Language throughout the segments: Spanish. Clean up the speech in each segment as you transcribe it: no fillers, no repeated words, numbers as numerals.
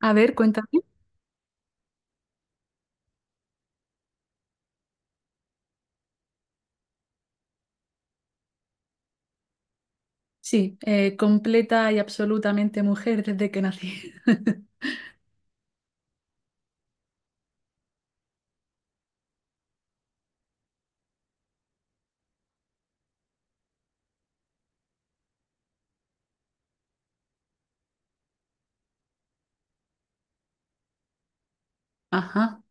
A ver, cuéntame. Sí, completa y absolutamente mujer desde que nací. Ajá.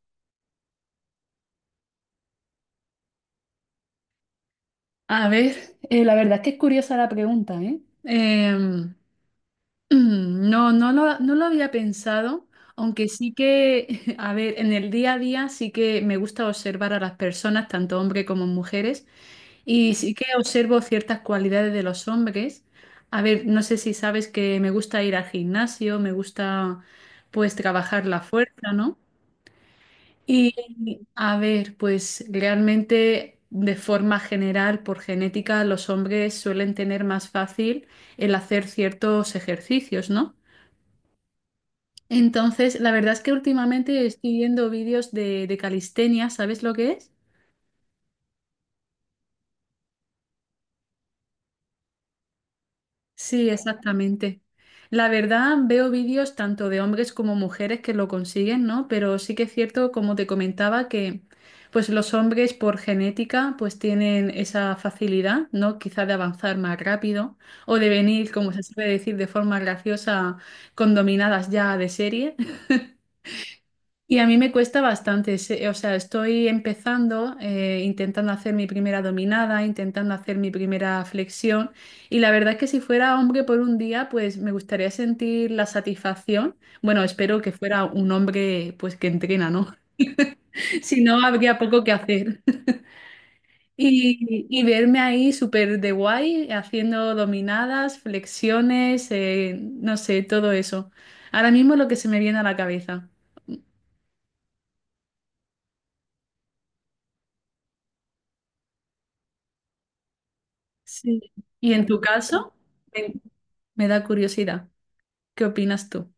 A ver, la verdad es que es curiosa la pregunta, ¿eh? No lo había pensado, aunque sí que, a ver, en el día a día sí que me gusta observar a las personas, tanto hombres como mujeres, y sí que observo ciertas cualidades de los hombres. A ver, no sé si sabes que me gusta ir al gimnasio, me gusta pues trabajar la fuerza, ¿no? Y a ver, pues realmente de forma general, por genética, los hombres suelen tener más fácil el hacer ciertos ejercicios, ¿no? Entonces, la verdad es que últimamente estoy viendo vídeos de calistenia, ¿sabes lo que es? Sí, exactamente. La verdad, veo vídeos tanto de hombres como mujeres que lo consiguen, ¿no? Pero sí que es cierto, como te comentaba, que pues los hombres por genética pues tienen esa facilidad, ¿no? Quizá de avanzar más rápido o de venir, como se suele decir de forma graciosa, con dominadas ya de serie. Y a mí me cuesta bastante, o sea, estoy empezando, intentando hacer mi primera dominada, intentando hacer mi primera flexión, y la verdad es que si fuera hombre por un día, pues me gustaría sentir la satisfacción. Bueno, espero que fuera un hombre, pues que entrena, ¿no? Si no, habría poco que hacer. Y verme ahí súper de guay, haciendo dominadas, flexiones, no sé, todo eso. Ahora mismo es lo que se me viene a la cabeza. Sí. ¿Y en tu caso? Me da curiosidad. ¿Qué opinas tú?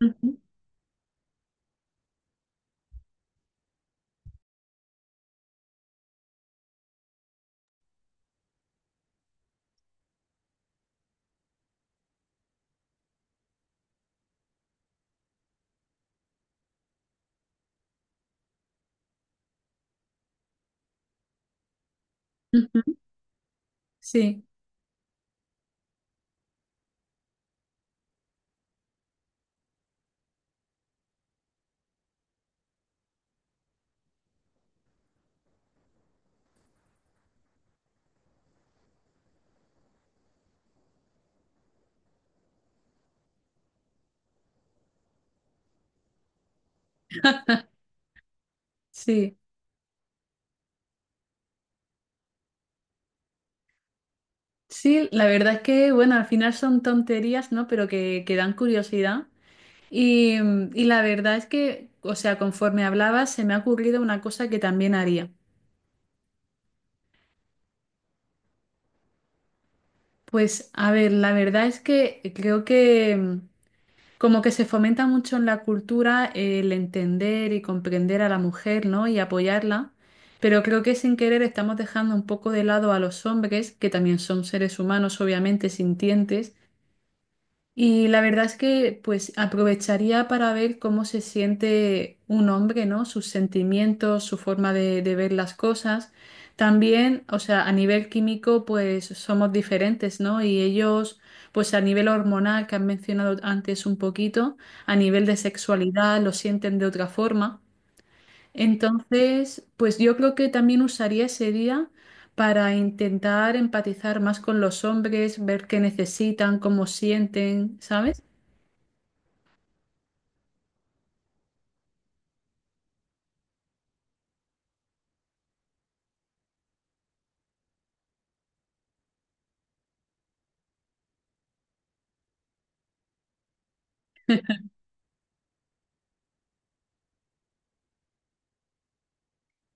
Ujú, ujú. Sí, sí, sí, la verdad es que, bueno, al final son tonterías, ¿no? Pero que dan curiosidad. Y, y la verdad es que, o sea, conforme hablabas, se me ha ocurrido una cosa que también haría. Pues, a ver, la verdad es que creo que… Como que se fomenta mucho en la cultura el entender y comprender a la mujer, ¿no? Y apoyarla, pero creo que sin querer estamos dejando un poco de lado a los hombres, que también son seres humanos, obviamente, sintientes, y la verdad es que pues aprovecharía para ver cómo se siente un hombre, ¿no? Sus sentimientos, su forma de ver las cosas. También, o sea, a nivel químico pues somos diferentes, ¿no? Y ellos pues a nivel hormonal que han mencionado antes un poquito, a nivel de sexualidad lo sienten de otra forma. Entonces, pues yo creo que también usaría ese día para intentar empatizar más con los hombres, ver qué necesitan, cómo sienten, ¿sabes?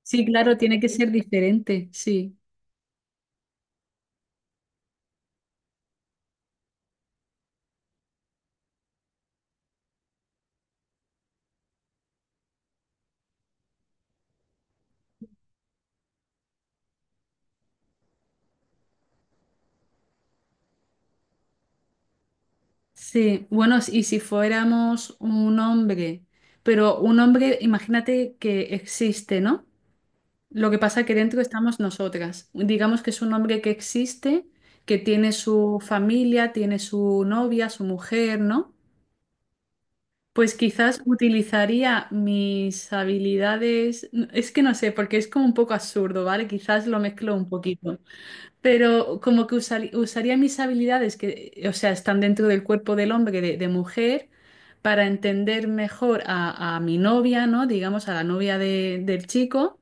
Sí, claro, tiene que ser diferente, sí, sí. Bueno, y si fuéramos un hombre, pero un hombre, imagínate que existe, ¿no? Lo que pasa que dentro estamos nosotras. Digamos que es un hombre que existe, que tiene su familia, tiene su novia, su mujer, ¿no? Pues quizás utilizaría mis habilidades, es que no sé, porque es como un poco absurdo, ¿vale? Quizás lo mezclo un poquito. Pero como que usaría mis habilidades que, o sea, están dentro del cuerpo del hombre, de mujer, para entender mejor a mi novia, ¿no? Digamos, a la novia del chico.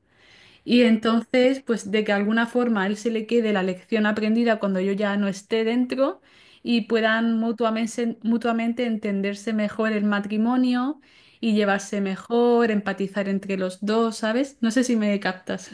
Y entonces, pues de que alguna forma a él se le quede la lección aprendida cuando yo ya no esté dentro y puedan mutuamente entenderse mejor el matrimonio y llevarse mejor, empatizar entre los dos, ¿sabes? No sé si me captas.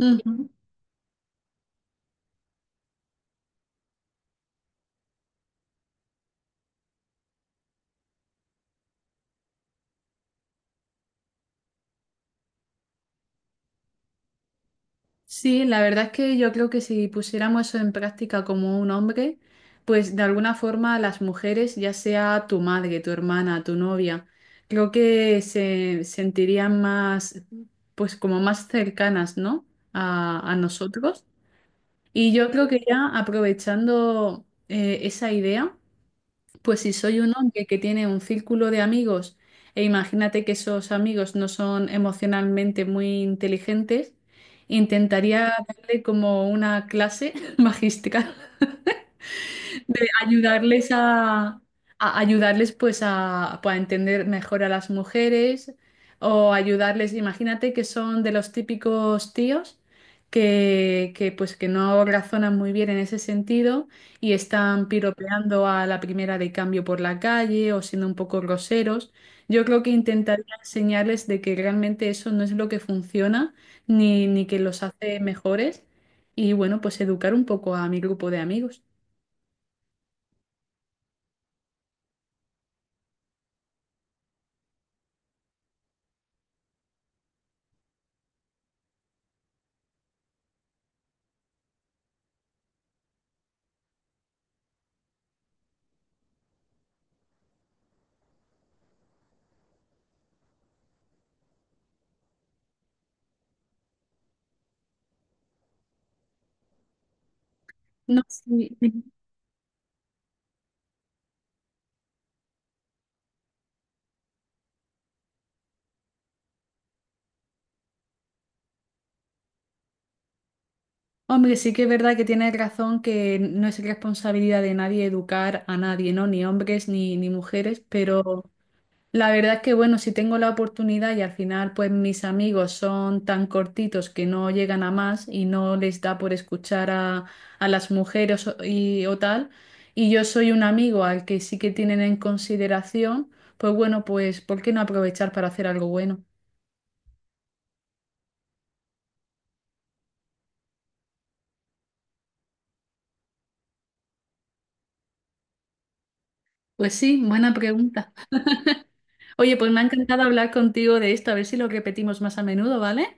Mm. Sí, la verdad es que yo creo que si pusiéramos eso en práctica como un hombre, pues de alguna forma las mujeres, ya sea tu madre, tu hermana, tu novia, creo que se sentirían más, pues como más cercanas, ¿no? A nosotros. Y yo creo que ya aprovechando esa idea. Pues si soy un hombre que tiene un círculo de amigos e imagínate que esos amigos no son emocionalmente muy inteligentes, intentaría darle como una clase magistral de ayudarles a ayudarles pues a, pues, a entender mejor a las mujeres o ayudarles, imagínate que son de los típicos tíos que pues que no razonan muy bien en ese sentido y están piropeando a la primera de cambio por la calle o siendo un poco groseros. Yo creo que intentaría enseñarles de que realmente eso no es lo que funciona ni que los hace mejores y bueno, pues educar un poco a mi grupo de amigos. No, sí. Hombre, sí que es verdad que tienes razón que no es responsabilidad de nadie educar a nadie, ¿no? Ni hombres ni mujeres, pero la verdad es que, bueno, si tengo la oportunidad y al final, pues mis amigos son tan cortitos que no llegan a más y no les da por escuchar a las mujeres y, o tal, y yo soy un amigo al que sí que tienen en consideración, pues bueno, pues ¿por qué no aprovechar para hacer algo bueno? Pues sí, buena pregunta. Oye, pues me ha encantado hablar contigo de esto, a ver si lo repetimos más a menudo, ¿vale?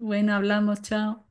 Bueno, hablamos, chao.